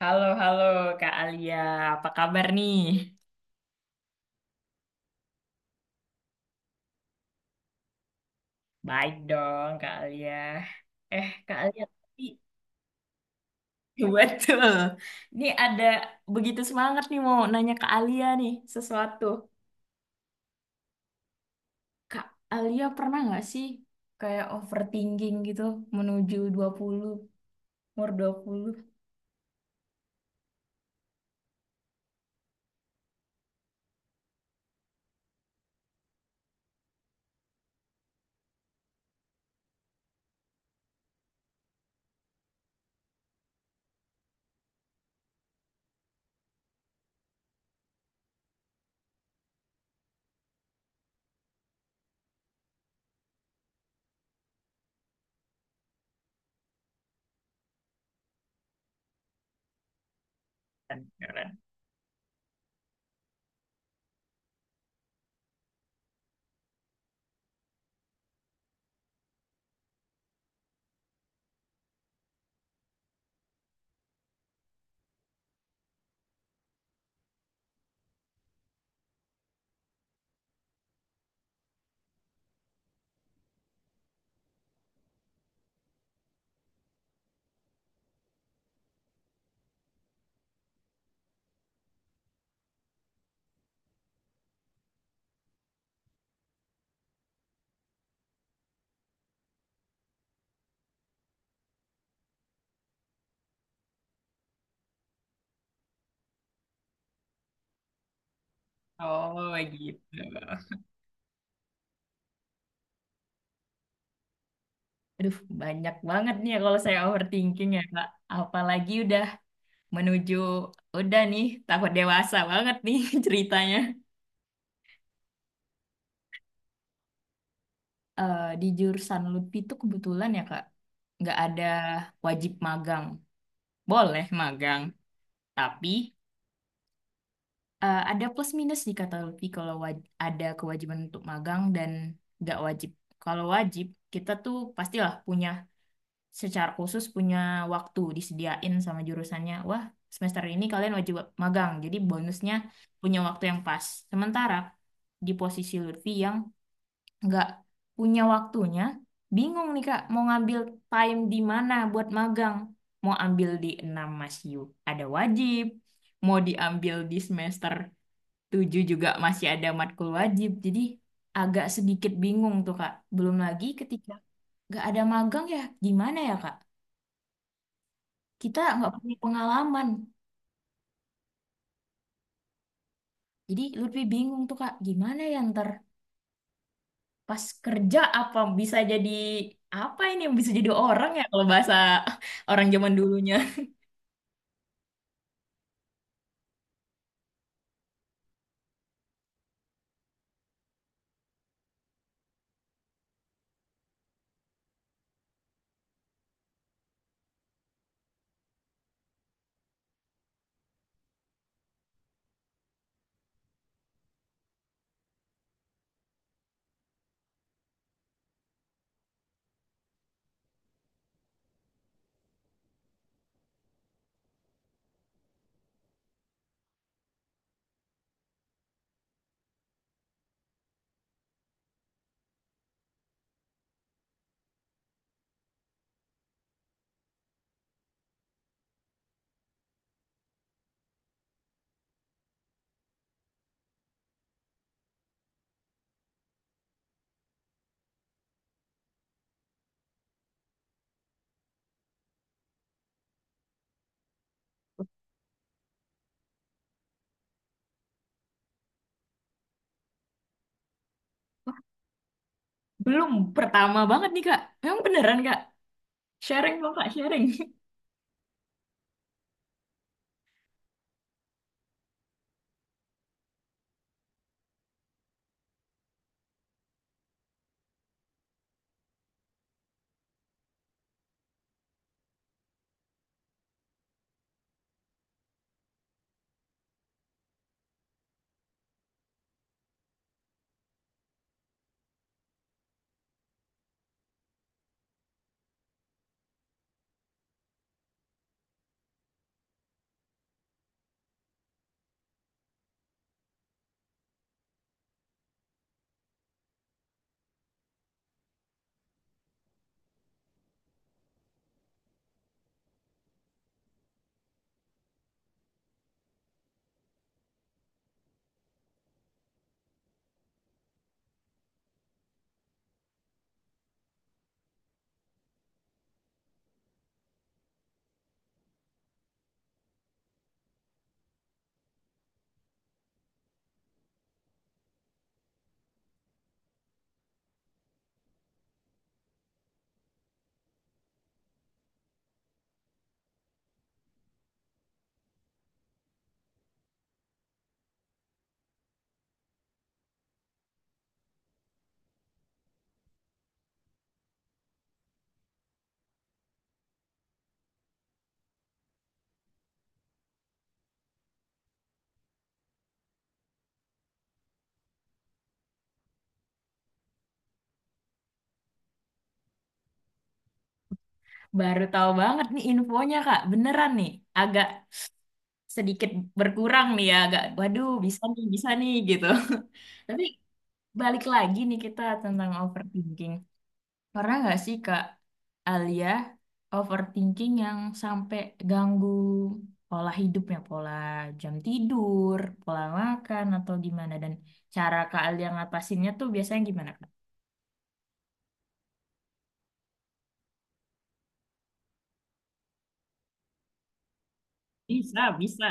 Halo, Kak Alia. Apa kabar nih? Baik dong Kak Alia. Eh Kak Alia, tapi betul. Ini ada begitu semangat nih mau nanya Kak Alia nih sesuatu. Kak Alia pernah nggak sih kayak overthinking gitu menuju 20 umur 20? Keren, keren. Oh gitu. Aduh, banyak banget nih ya kalau saya overthinking ya Kak. Apalagi udah menuju nih tahun dewasa banget nih ceritanya. Eh, di jurusan lutfi itu kebetulan ya Kak, nggak ada wajib magang. Boleh magang, tapi ada plus minus nih kata LUPI kalau ada kewajiban untuk magang dan nggak wajib. Kalau wajib, kita tuh pastilah secara khusus punya waktu disediain sama jurusannya. Wah, semester ini kalian wajib magang. Jadi bonusnya punya waktu yang pas. Sementara di posisi Lutfi yang nggak punya waktunya, bingung nih Kak, mau ngambil time di mana buat magang. Mau ambil di 6 masih ada wajib, mau diambil di semester 7 juga masih ada matkul wajib. Jadi agak sedikit bingung tuh Kak. Belum lagi ketika nggak ada magang ya gimana ya Kak? Kita nggak punya pengalaman. Jadi lebih bingung tuh Kak, gimana ya ntar pas kerja apa ini yang bisa jadi orang ya kalau bahasa orang zaman dulunya. Belum, pertama banget nih Kak. Emang beneran Kak? Sharing dong Kak, sharing. Baru tahu banget nih infonya Kak. Beneran nih. Agak sedikit berkurang nih ya. Agak, waduh bisa nih gitu. Tapi balik lagi nih kita tentang overthinking. Pernah nggak sih Kak Alia overthinking yang sampai ganggu pola hidupnya, pola jam tidur, pola makan atau gimana? Dan cara Kak Alia ngatasinnya tuh biasanya gimana? Bisa, bisa.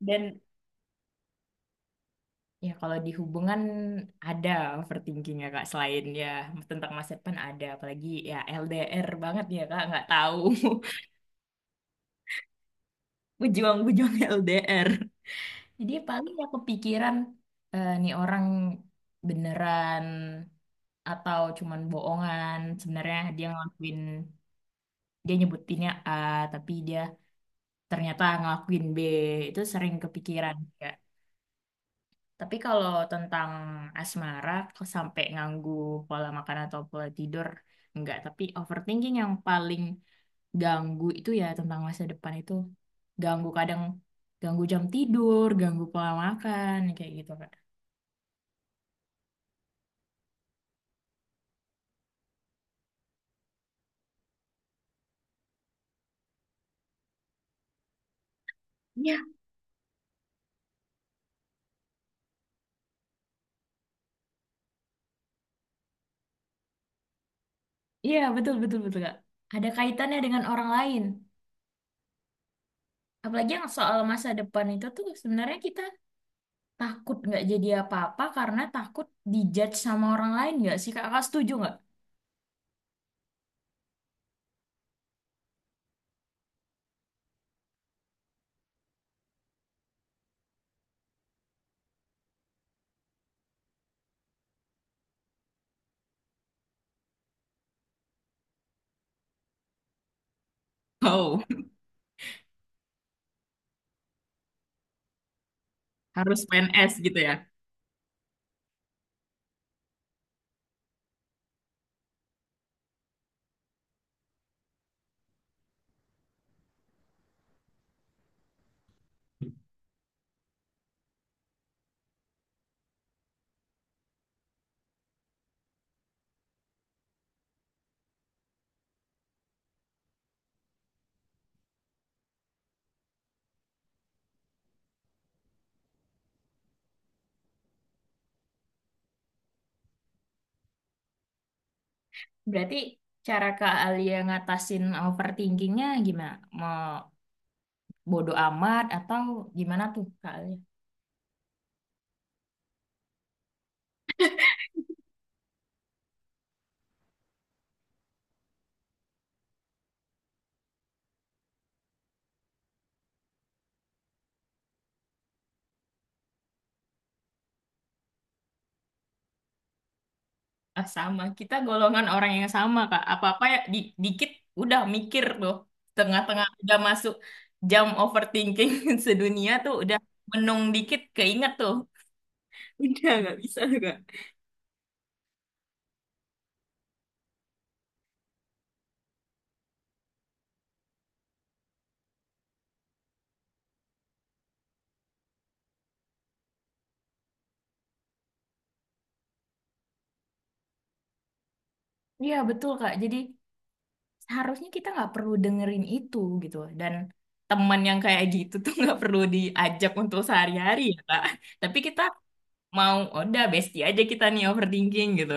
Dan ya kalau di hubungan ada overthinking ya Kak, selain ya tentang masa depan ada, apalagi ya LDR banget ya Kak, nggak tahu pejuang-pejuang LDR. Jadi ya paling ya kepikiran nih orang beneran atau cuman bohongan, sebenarnya dia nyebutinnya A tapi dia ternyata ngelakuin B, itu sering kepikiran. Ya. Tapi kalau tentang asmara, kok sampai nganggu pola makan atau pola tidur, enggak. Tapi overthinking yang paling ganggu itu ya tentang masa depan itu ganggu, kadang ganggu jam tidur, ganggu pola makan, kayak gitu Kak. Iya, iya betul betul betul Kak. Ada kaitannya dengan orang lain. Apalagi yang soal masa depan itu tuh sebenarnya kita takut nggak jadi apa-apa karena takut dijudge sama orang lain nggak sih Kak? Kakak setuju nggak? Oh, harus PNS gitu ya. Berarti cara Kak Alia ngatasin overthinkingnya gimana? Mau bodo amat atau gimana tuh Kak Alia? Ah, sama, kita golongan orang yang sama Kak. Apa-apa ya dikit udah mikir tuh. Tengah-tengah udah masuk jam overthinking sedunia tuh udah menung dikit keinget tuh. Udah nggak bisa Kak. Iya betul Kak. Jadi harusnya kita nggak perlu dengerin itu gitu. Dan teman yang kayak gitu tuh nggak perlu diajak untuk sehari-hari ya Kak. Tapi kita mau, "Oh, udah bestie aja kita nih overthinking gitu."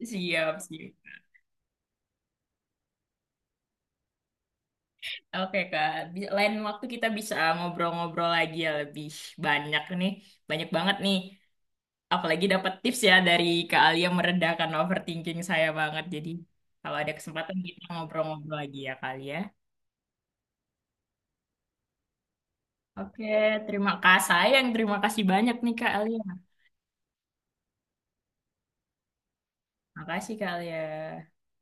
Siap, siap. Oke, Kak. Lain waktu kita bisa ngobrol-ngobrol lagi ya lebih banyak nih. Banyak banget nih. Apalagi dapat tips ya dari Kak Alia meredakan overthinking saya banget. Jadi kalau ada kesempatan kita ngobrol-ngobrol lagi ya Kak Alia. Oke, terima kasih. Sayang, terima kasih banyak nih Kak Alia. Makasih Kak Alia.